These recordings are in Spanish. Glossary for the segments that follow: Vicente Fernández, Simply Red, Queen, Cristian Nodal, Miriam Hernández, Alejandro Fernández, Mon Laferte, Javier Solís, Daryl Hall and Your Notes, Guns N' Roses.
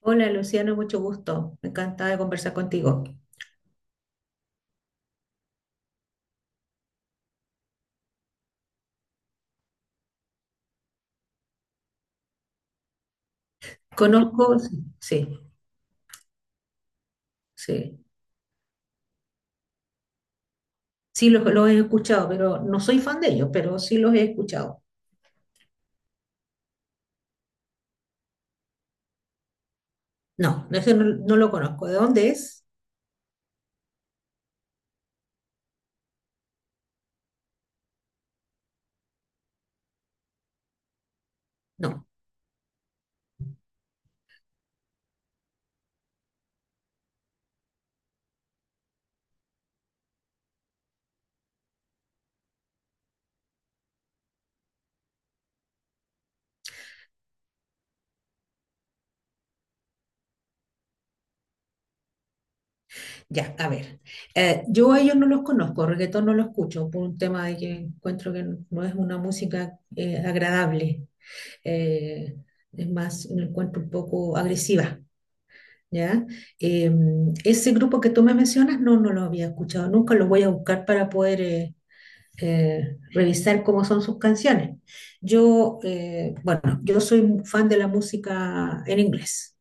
Hola Luciano, mucho gusto. Me encantaba conversar contigo. Conozco, sí, sí. Sí, sí los he escuchado, pero no soy fan de ellos, pero sí los he escuchado. No, no, ese no, no lo conozco. ¿De dónde es? No. Ya, a ver. Yo a ellos no los conozco, reggaetón no lo escucho por un tema de que encuentro que no es una música agradable. Eh, es más, me encuentro un poco agresiva. ¿Ya? Eh, Ese grupo que tú me mencionas, no, no lo había escuchado nunca, lo voy a buscar para poder revisar cómo son sus canciones. Bueno, yo soy un fan de la música en inglés,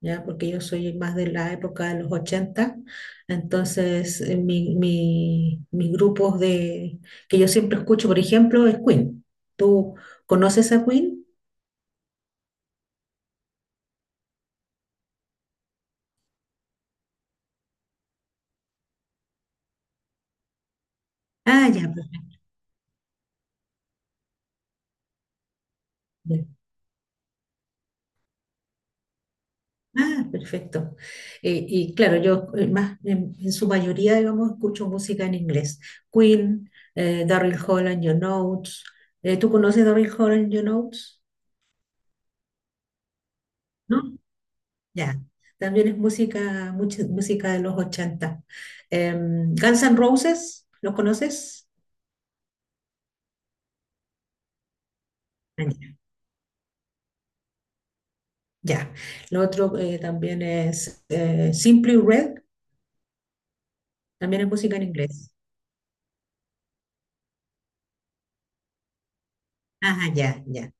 ¿ya? Porque yo soy más de la época de los ochenta, entonces mis grupos de, que yo siempre escucho, por ejemplo, es Queen. ¿Tú conoces a Queen? Ah, ya. Perfecto. Ah, perfecto. Y claro, yo más en su mayoría, digamos, escucho música en inglés. Queen, Daryl Hall and Your Notes. ¿Tú conoces Daryl Hall and Your Notes? ¿No? Ya. También es música, mucha música de los 80. Guns N' Roses, ¿los conoces? Ah, ya. Ya. Lo otro también es Simply Red, también es música en inglés. Ajá, ya, ya.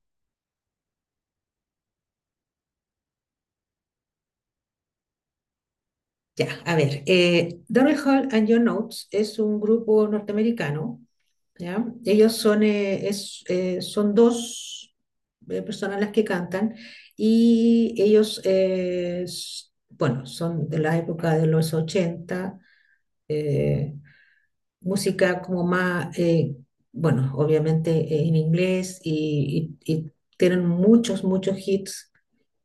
Ya, a ver, Daryl Hall and Your Notes es un grupo norteamericano, ¿ya? Son dos personas las que cantan y ellos, bueno, son de la época de los 80, eh, música como más, bueno, obviamente en inglés y, y tienen muchos hits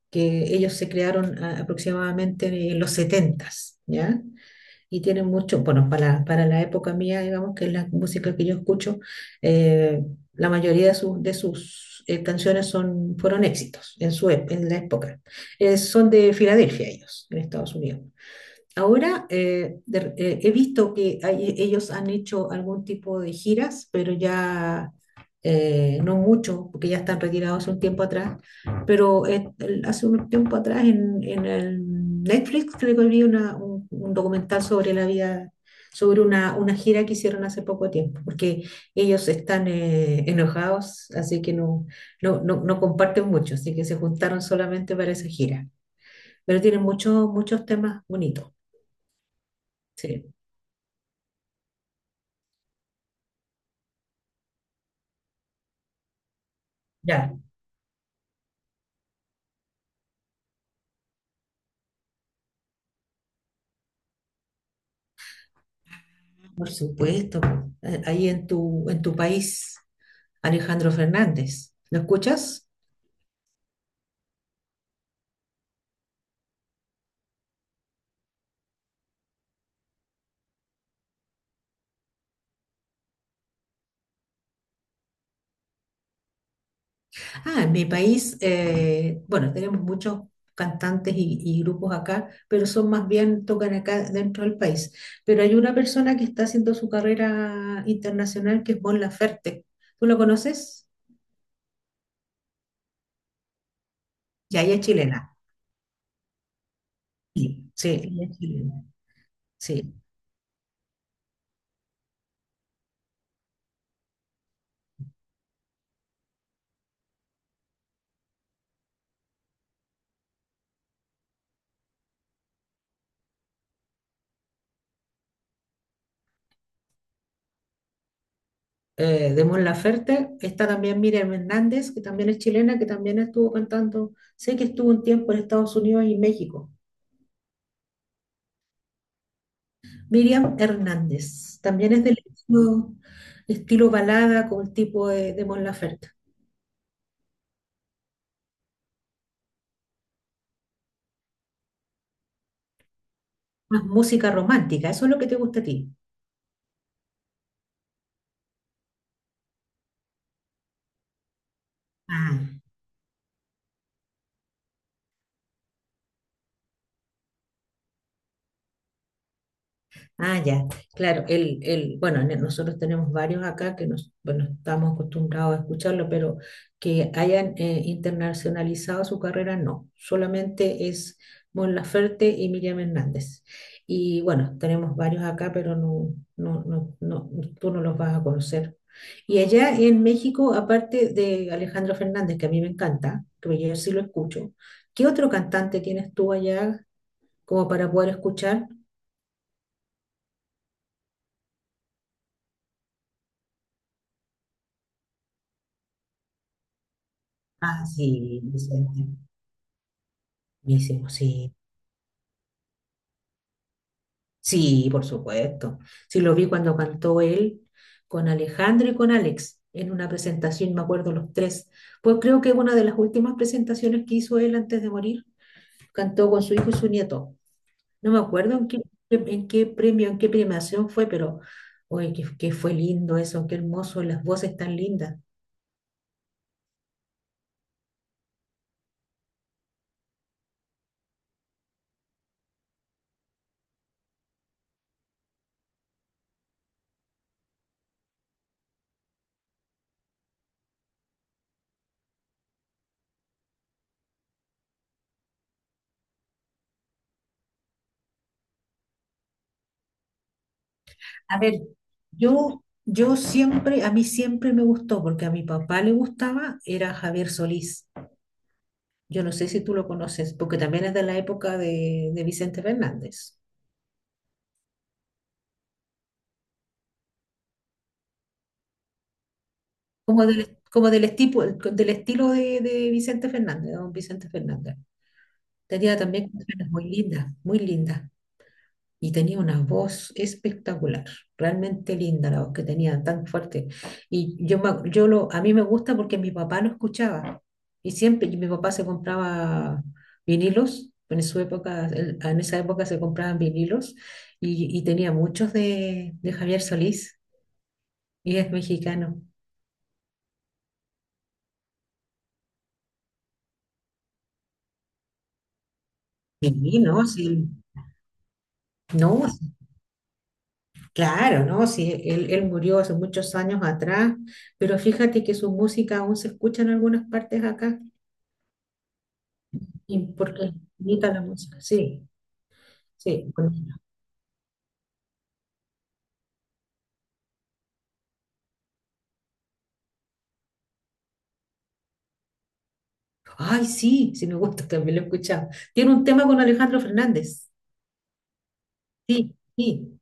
que ellos se crearon aproximadamente en los 70, ¿ya? Y tienen mucho, bueno, para la época mía, digamos, que es la música que yo escucho. eh, la mayoría de sus, de sus canciones son, fueron éxitos en ep- en la época. Son de Filadelfia ellos, en Estados Unidos. Ahora he visto que ellos han hecho algún tipo de giras, pero ya no mucho, porque ya están retirados hace un tiempo atrás. Pero hace un tiempo atrás en el Netflix creo que vi un documental sobre la vida, sobre una gira que hicieron hace poco tiempo, porque ellos están enojados, así que no comparten mucho, así que se juntaron solamente para esa gira. Pero tienen muchos, muchos temas bonitos. Sí. Ya, por supuesto. Ahí en tu país, Alejandro Fernández. ¿Lo escuchas? Ah, en mi país, bueno, tenemos muchos cantantes y grupos acá, pero son más bien, tocan acá dentro del país. Pero hay una persona que está haciendo su carrera internacional que es Mon Laferte. ¿Tú lo conoces? Ya, ella es chilena. Sí, sí, ella es chilena. Sí. De Mon Laferte. Está también Miriam Hernández, que también es chilena, que también estuvo cantando. Sé que estuvo un tiempo en Estados Unidos y México. Miriam Hernández, también es del estilo, estilo balada con el tipo de Mon Laferte. Más música romántica, eso es lo que te gusta a ti. Ah, ah, ya, claro, bueno, nosotros tenemos varios acá que nos, bueno, estamos acostumbrados a escucharlo, pero que hayan internacionalizado su carrera, no, solamente es Mon Laferte y Miriam Hernández. Y bueno, tenemos varios acá, pero no, tú no los vas a conocer. Y allá en México, aparte de Alejandro Fernández, que a mí me encanta, que yo sí lo escucho, ¿qué otro cantante tienes tú allá como para poder escuchar? Ah, sí, Vicente. Buenísimo, sí. Sí, por supuesto. Sí, lo vi cuando cantó él con Alejandro y con Alex en una presentación, me acuerdo los tres. Pues creo que una de las últimas presentaciones que hizo él antes de morir, cantó con su hijo y su nieto. No me acuerdo en qué premio, en qué premiación fue, pero oye, que qué fue lindo eso, qué hermoso, las voces tan lindas. A ver, yo siempre, a mí siempre me gustó, porque a mi papá le gustaba, era Javier Solís. Yo no sé si tú lo conoces, porque también es de la época de Vicente Fernández, del estilo de Vicente Fernández, de don Vicente Fernández. Tenía también canciones muy lindas, muy lindas. Y tenía una voz espectacular, realmente linda la voz que tenía, tan fuerte. Y yo, me- yo lo, A mí me gusta porque mi papá lo escuchaba y siempre y mi papá se compraba vinilos. En su época, en esa época se compraban vinilos y tenía muchos de Javier Solís y es mexicano. Sí, no, sí, no, sí, claro, no, sí, él murió hace muchos años atrás, pero fíjate que su música aún se escucha en algunas partes acá. Y porque es bonita la música, sí, sí. Bonita. Ay, sí, sí me gusta, también lo he escuchado. Tiene un tema con Alejandro Fernández. Sí, sí,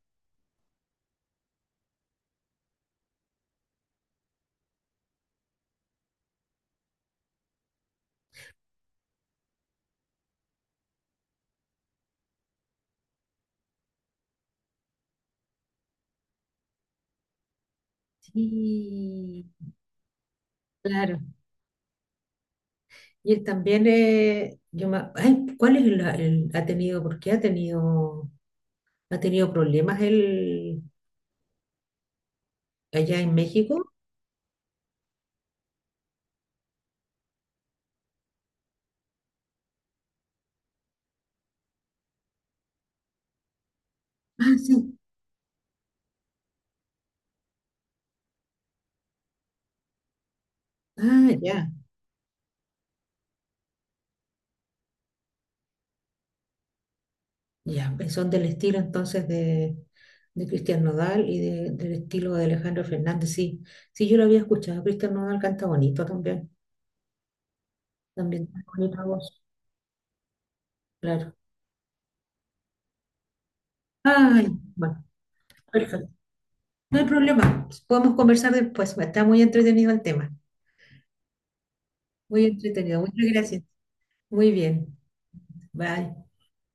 sí, claro. Y él también, ay, ¿cuál es la- el, ha tenido, por qué ha tenido problemas él allá en México? Ah, sí, ah, ya. Ya, pues son del estilo entonces de Cristian Nodal y del estilo de Alejandro Fernández, sí. Sí, yo lo había escuchado. Cristian Nodal canta bonito también. También tiene bonita voz, claro. Ay, bueno, perfecto. No hay problema. Podemos conversar después. Está muy entretenido el tema. Muy entretenido. Muchas gracias. Muy bien. Bye.